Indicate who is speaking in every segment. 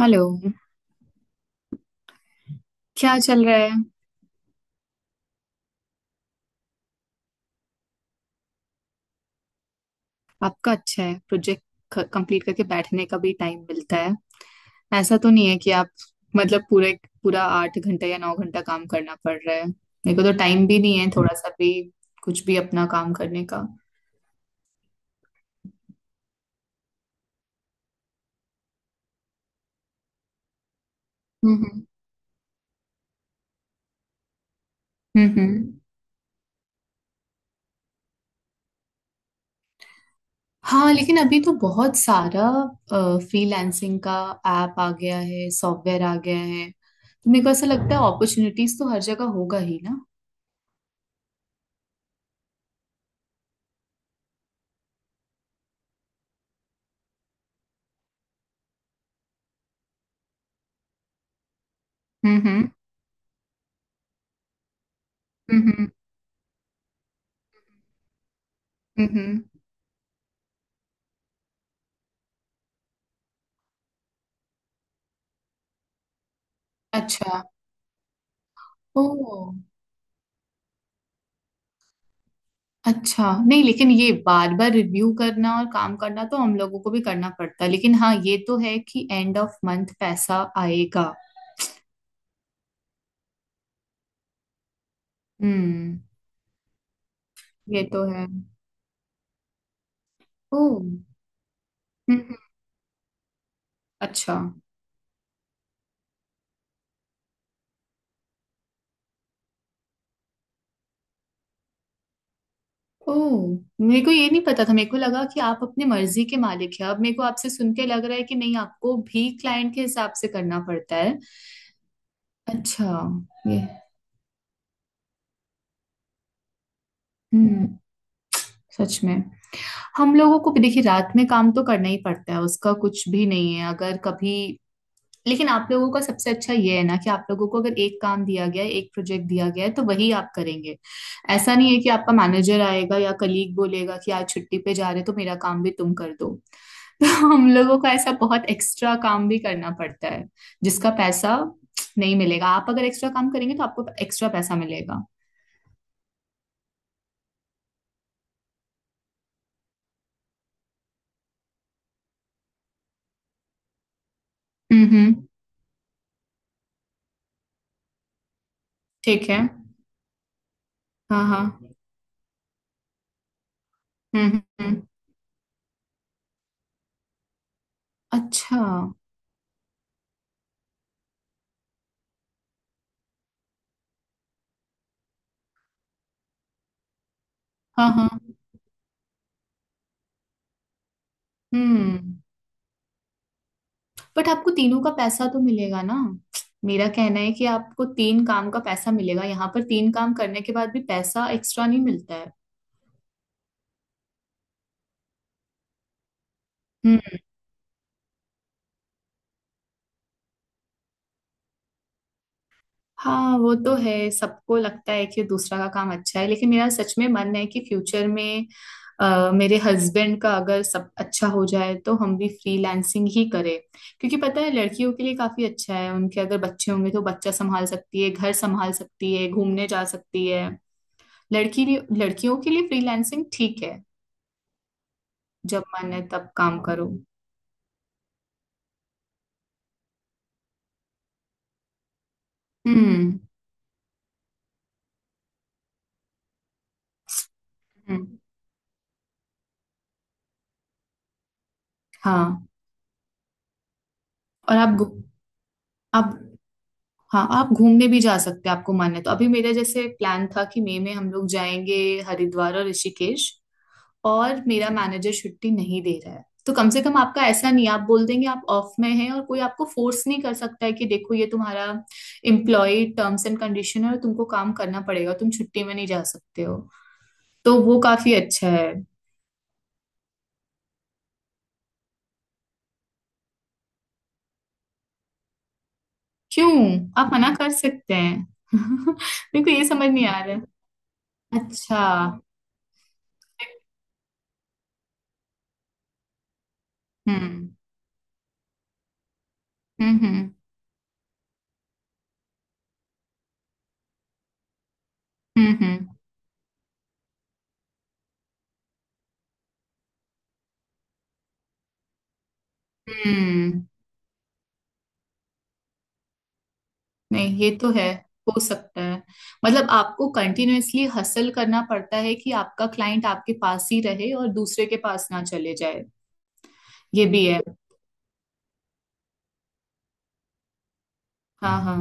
Speaker 1: Hello. क्या चल रहा है? आपका अच्छा है, प्रोजेक्ट कंप्लीट करके बैठने का भी टाइम मिलता है। ऐसा तो नहीं है कि आप, मतलब पूरे पूरा 8 घंटा या 9 घंटा काम करना पड़ रहा है। मेरे को तो टाइम भी नहीं है थोड़ा सा भी कुछ भी अपना काम करने का। हम्म। हम्म हम्म हम्म। हाँ लेकिन अभी तो बहुत सारा फ्रीलांसिंग का ऐप आ गया है, सॉफ्टवेयर आ गया है। तो मेरे को ऐसा लगता है अपॉर्चुनिटीज तो हर जगह होगा ही ना। हम्म हम्म हम्म। हम्म, हम्म। अच्छा। ओ। अच्छा, नहीं लेकिन ये बार बार रिव्यू करना और काम करना तो हम लोगों को भी करना पड़ता है। लेकिन हाँ, ये तो है कि एंड ऑफ मंथ पैसा आएगा। हम्म। ये तो है। ओ हम्म। हम्म, अच्छा। ओ, मेरे को ये नहीं पता था। मेरे को लगा कि आप अपनी मर्जी के मालिक हैं। अब मेरे को आपसे सुन के लग रहा है कि नहीं, आपको भी क्लाइंट के हिसाब से करना पड़ता है। अच्छा। ये हम्म। सच में। हम लोगों को भी देखिए, रात में काम तो करना ही पड़ता है, उसका कुछ भी नहीं है अगर कभी। लेकिन आप लोगों का सबसे अच्छा ये है ना कि आप लोगों को अगर एक काम दिया गया है, एक प्रोजेक्ट दिया गया है तो वही आप करेंगे। ऐसा नहीं है कि आपका मैनेजर आएगा या कलीग बोलेगा कि आज छुट्टी पे जा रहे हो, तो मेरा काम भी तुम कर दो। तो हम लोगों का ऐसा बहुत एक्स्ट्रा काम भी करना पड़ता है जिसका पैसा नहीं मिलेगा। आप अगर एक्स्ट्रा काम करेंगे तो आपको एक्स्ट्रा पैसा मिलेगा। हम्म। ठीक है। हाँ हाँ। हम्म। अच्छा। हाँ हाँ। हम्म। बट आपको तीनों का पैसा तो मिलेगा ना? मेरा कहना है कि आपको तीन काम का पैसा मिलेगा। यहाँ पर तीन काम करने के बाद भी पैसा एक्स्ट्रा नहीं मिलता है। हम्म। हाँ वो तो है, सबको लगता है कि दूसरा का काम अच्छा है। लेकिन मेरा सच में मन है कि फ्यूचर में, मेरे हस्बैंड का अगर सब अच्छा हो जाए तो हम भी फ्रीलांसिंग ही करें। क्योंकि पता है लड़कियों के लिए काफी अच्छा है, उनके अगर बच्चे होंगे तो बच्चा संभाल सकती है, घर संभाल सकती है, घूमने जा सकती है। लड़की लड़कियों के लिए फ्रीलांसिंग ठीक है। जब मन है तब काम करो। हम्म हम्म, हाँ। और आप घू- आप हाँ, आप घूमने भी जा सकते हैं आपको मन है तो। अभी मेरा जैसे प्लान था कि मई में हम लोग जाएंगे हरिद्वार और ऋषिकेश, और मेरा मैनेजर छुट्टी नहीं दे रहा है। तो कम से कम आपका ऐसा नहीं, आप बोल देंगे आप ऑफ में हैं और कोई आपको फोर्स नहीं कर सकता है कि देखो ये तुम्हारा एम्प्लॉय टर्म्स एंड कंडीशन है और तुमको काम करना पड़ेगा, तुम छुट्टी में नहीं जा सकते हो। तो वो काफी अच्छा है। क्यों? आप मना कर सकते हैं। मेरे को ये समझ नहीं आ रहा है। अच्छा। हम्म हम्म। हम्म। हम्म। नहीं ये तो है। हो सकता है। मतलब आपको कंटिन्यूअसली हसल करना पड़ता है कि आपका क्लाइंट आपके पास ही रहे और दूसरे के पास ना चले जाए। ये भी है। हाँ हाँ।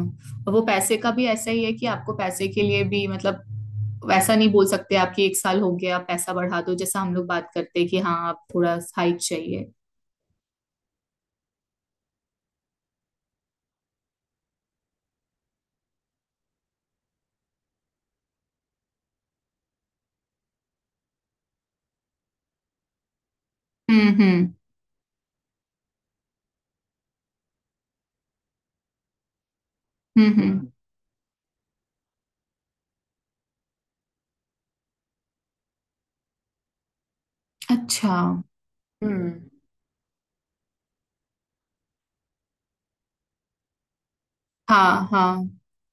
Speaker 1: और वो पैसे का भी ऐसा ही है कि आपको पैसे के लिए भी मतलब वैसा नहीं बोल सकते आपकी एक साल हो गया आप पैसा बढ़ा दो, जैसा हम लोग बात करते हैं कि हाँ आप थोड़ा हाइक चाहिए। हम्म। हम्म। अच्छा। हम्म। हाँ हाँ।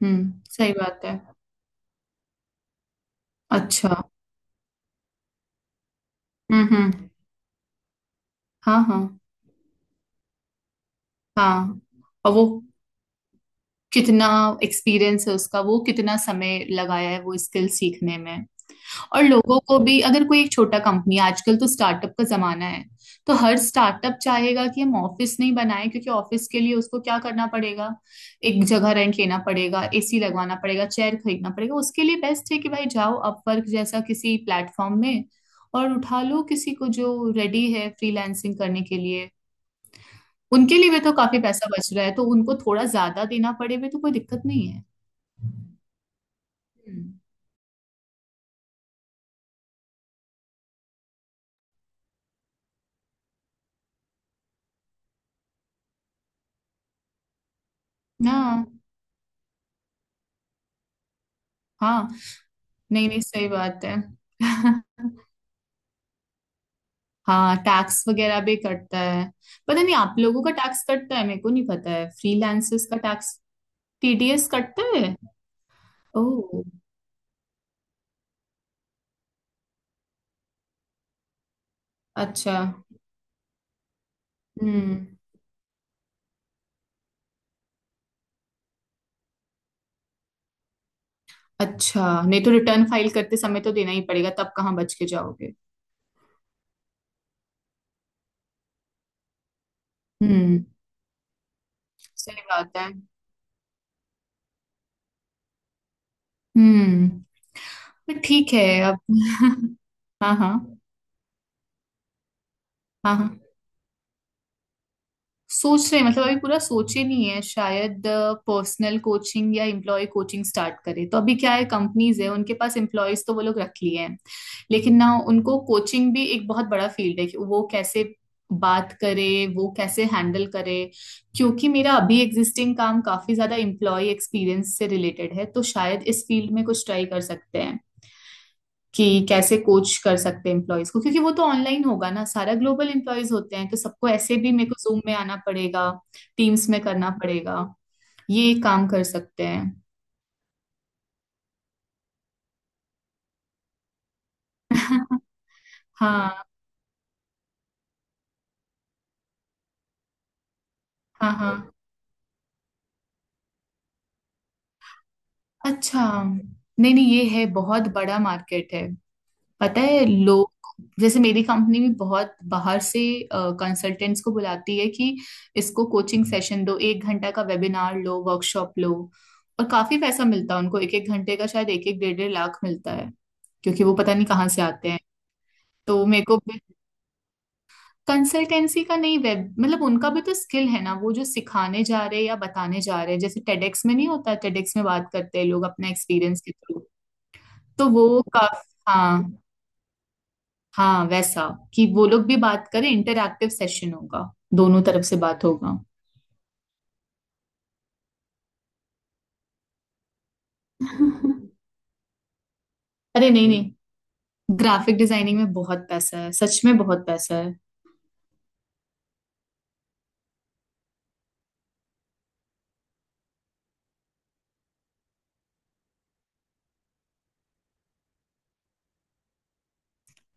Speaker 1: हम्म, सही बात है। अच्छा। हम्म। हाँ हाँ। हाँ और वो कितना एक्सपीरियंस है उसका, वो कितना समय लगाया है वो स्किल सीखने में। और लोगों को भी, अगर कोई एक छोटा कंपनी, आजकल तो स्टार्टअप का जमाना है, तो हर स्टार्टअप चाहेगा कि हम ऑफिस नहीं बनाए। क्योंकि ऑफिस के लिए उसको क्या करना पड़ेगा, एक जगह रेंट लेना पड़ेगा, एसी लगवाना पड़ेगा, चेयर खरीदना पड़ेगा। उसके लिए बेस्ट है कि भाई जाओ अपवर्क जैसा किसी प्लेटफॉर्म में और उठा लो किसी को जो रेडी है फ्रीलांसिंग करने के लिए। उनके लिए भी तो काफी पैसा बच रहा है, तो उनको थोड़ा ज्यादा देना पड़े भी तो कोई दिक्कत नहीं है। हम्म, ना। हाँ। नहीं नहीं, सही बात है। हाँ, टैक्स वगैरह भी कटता है। पता नहीं आप लोगों का टैक्स कटता है, मेरे को नहीं पता है फ्रीलांसर्स का टैक्स। टीडीएस कटता है? ओह। अच्छा। हम्म। अच्छा, नहीं तो रिटर्न फाइल करते समय तो देना ही पड़ेगा, तब कहाँ बच के जाओगे। हम्म। सही बात है। हम्म। पर ठीक है। अब हाँ हाँ। हाँ हाँ, सोच रहे हैं, मतलब अभी पूरा सोचे नहीं है। शायद पर्सनल कोचिंग या एम्प्लॉय कोचिंग स्टार्ट करे। तो अभी क्या है, कंपनीज है उनके पास एम्प्लॉयज, तो वो लोग रख लिए हैं। लेकिन ना, उनको कोचिंग भी एक बहुत बड़ा फील्ड है कि वो कैसे बात करे, वो कैसे हैंडल करे। क्योंकि मेरा अभी एग्जिस्टिंग काम काफी ज्यादा एम्प्लॉय एक्सपीरियंस से रिलेटेड है, तो शायद इस फील्ड में कुछ ट्राई कर सकते हैं कि कैसे कोच कर सकते हैं एम्प्लॉयज को। क्योंकि वो तो ऑनलाइन होगा ना सारा, ग्लोबल एम्प्लॉयज होते हैं तो सबको, ऐसे भी मेरे को जूम में आना पड़ेगा, टीम्स में करना पड़ेगा। ये काम कर सकते हैं। हाँ हाँ। हाँ, अच्छा, नहीं नहीं, ये है, बहुत बड़ा मार्केट है। पता है, लोग जैसे मेरी कंपनी भी बहुत बाहर से कंसल्टेंट्स को बुलाती है कि इसको कोचिंग सेशन दो, एक घंटा का वेबिनार लो, वर्कशॉप लो। और काफी पैसा मिलता है उनको, एक एक घंटे का शायद एक एक 1.5 लाख मिलता है। क्योंकि वो पता नहीं कहाँ से आते हैं। तो मेरे को, कंसल्टेंसी का नहीं, वेब मतलब उनका भी तो स्किल है ना, वो जो सिखाने जा रहे हैं या बताने जा रहे हैं। जैसे टेडेक्स में नहीं होता, टेडेक्स में बात करते हैं लोग अपना एक्सपीरियंस के थ्रू। तो वो काफी, हाँ। हाँ वैसा, कि वो लोग भी बात करें, इंटरैक्टिव सेशन होगा, दोनों तरफ से बात होगा। अरे नहीं। नहीं, ग्राफिक डिजाइनिंग में बहुत पैसा है, सच में बहुत पैसा है।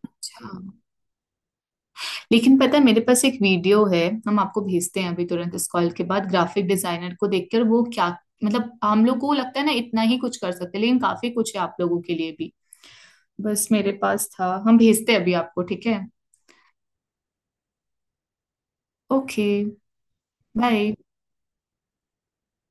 Speaker 1: अच्छा, लेकिन पता है मेरे पास एक वीडियो है, हम आपको भेजते हैं अभी तुरंत इस कॉल के बाद। ग्राफिक डिजाइनर को देखकर वो क्या, मतलब हम लोग को लगता है ना इतना ही कुछ कर सकते हैं, लेकिन काफी कुछ है आप लोगों के लिए भी। बस मेरे पास था, हम भेजते हैं अभी आपको, ठीक है? ओके। बाय।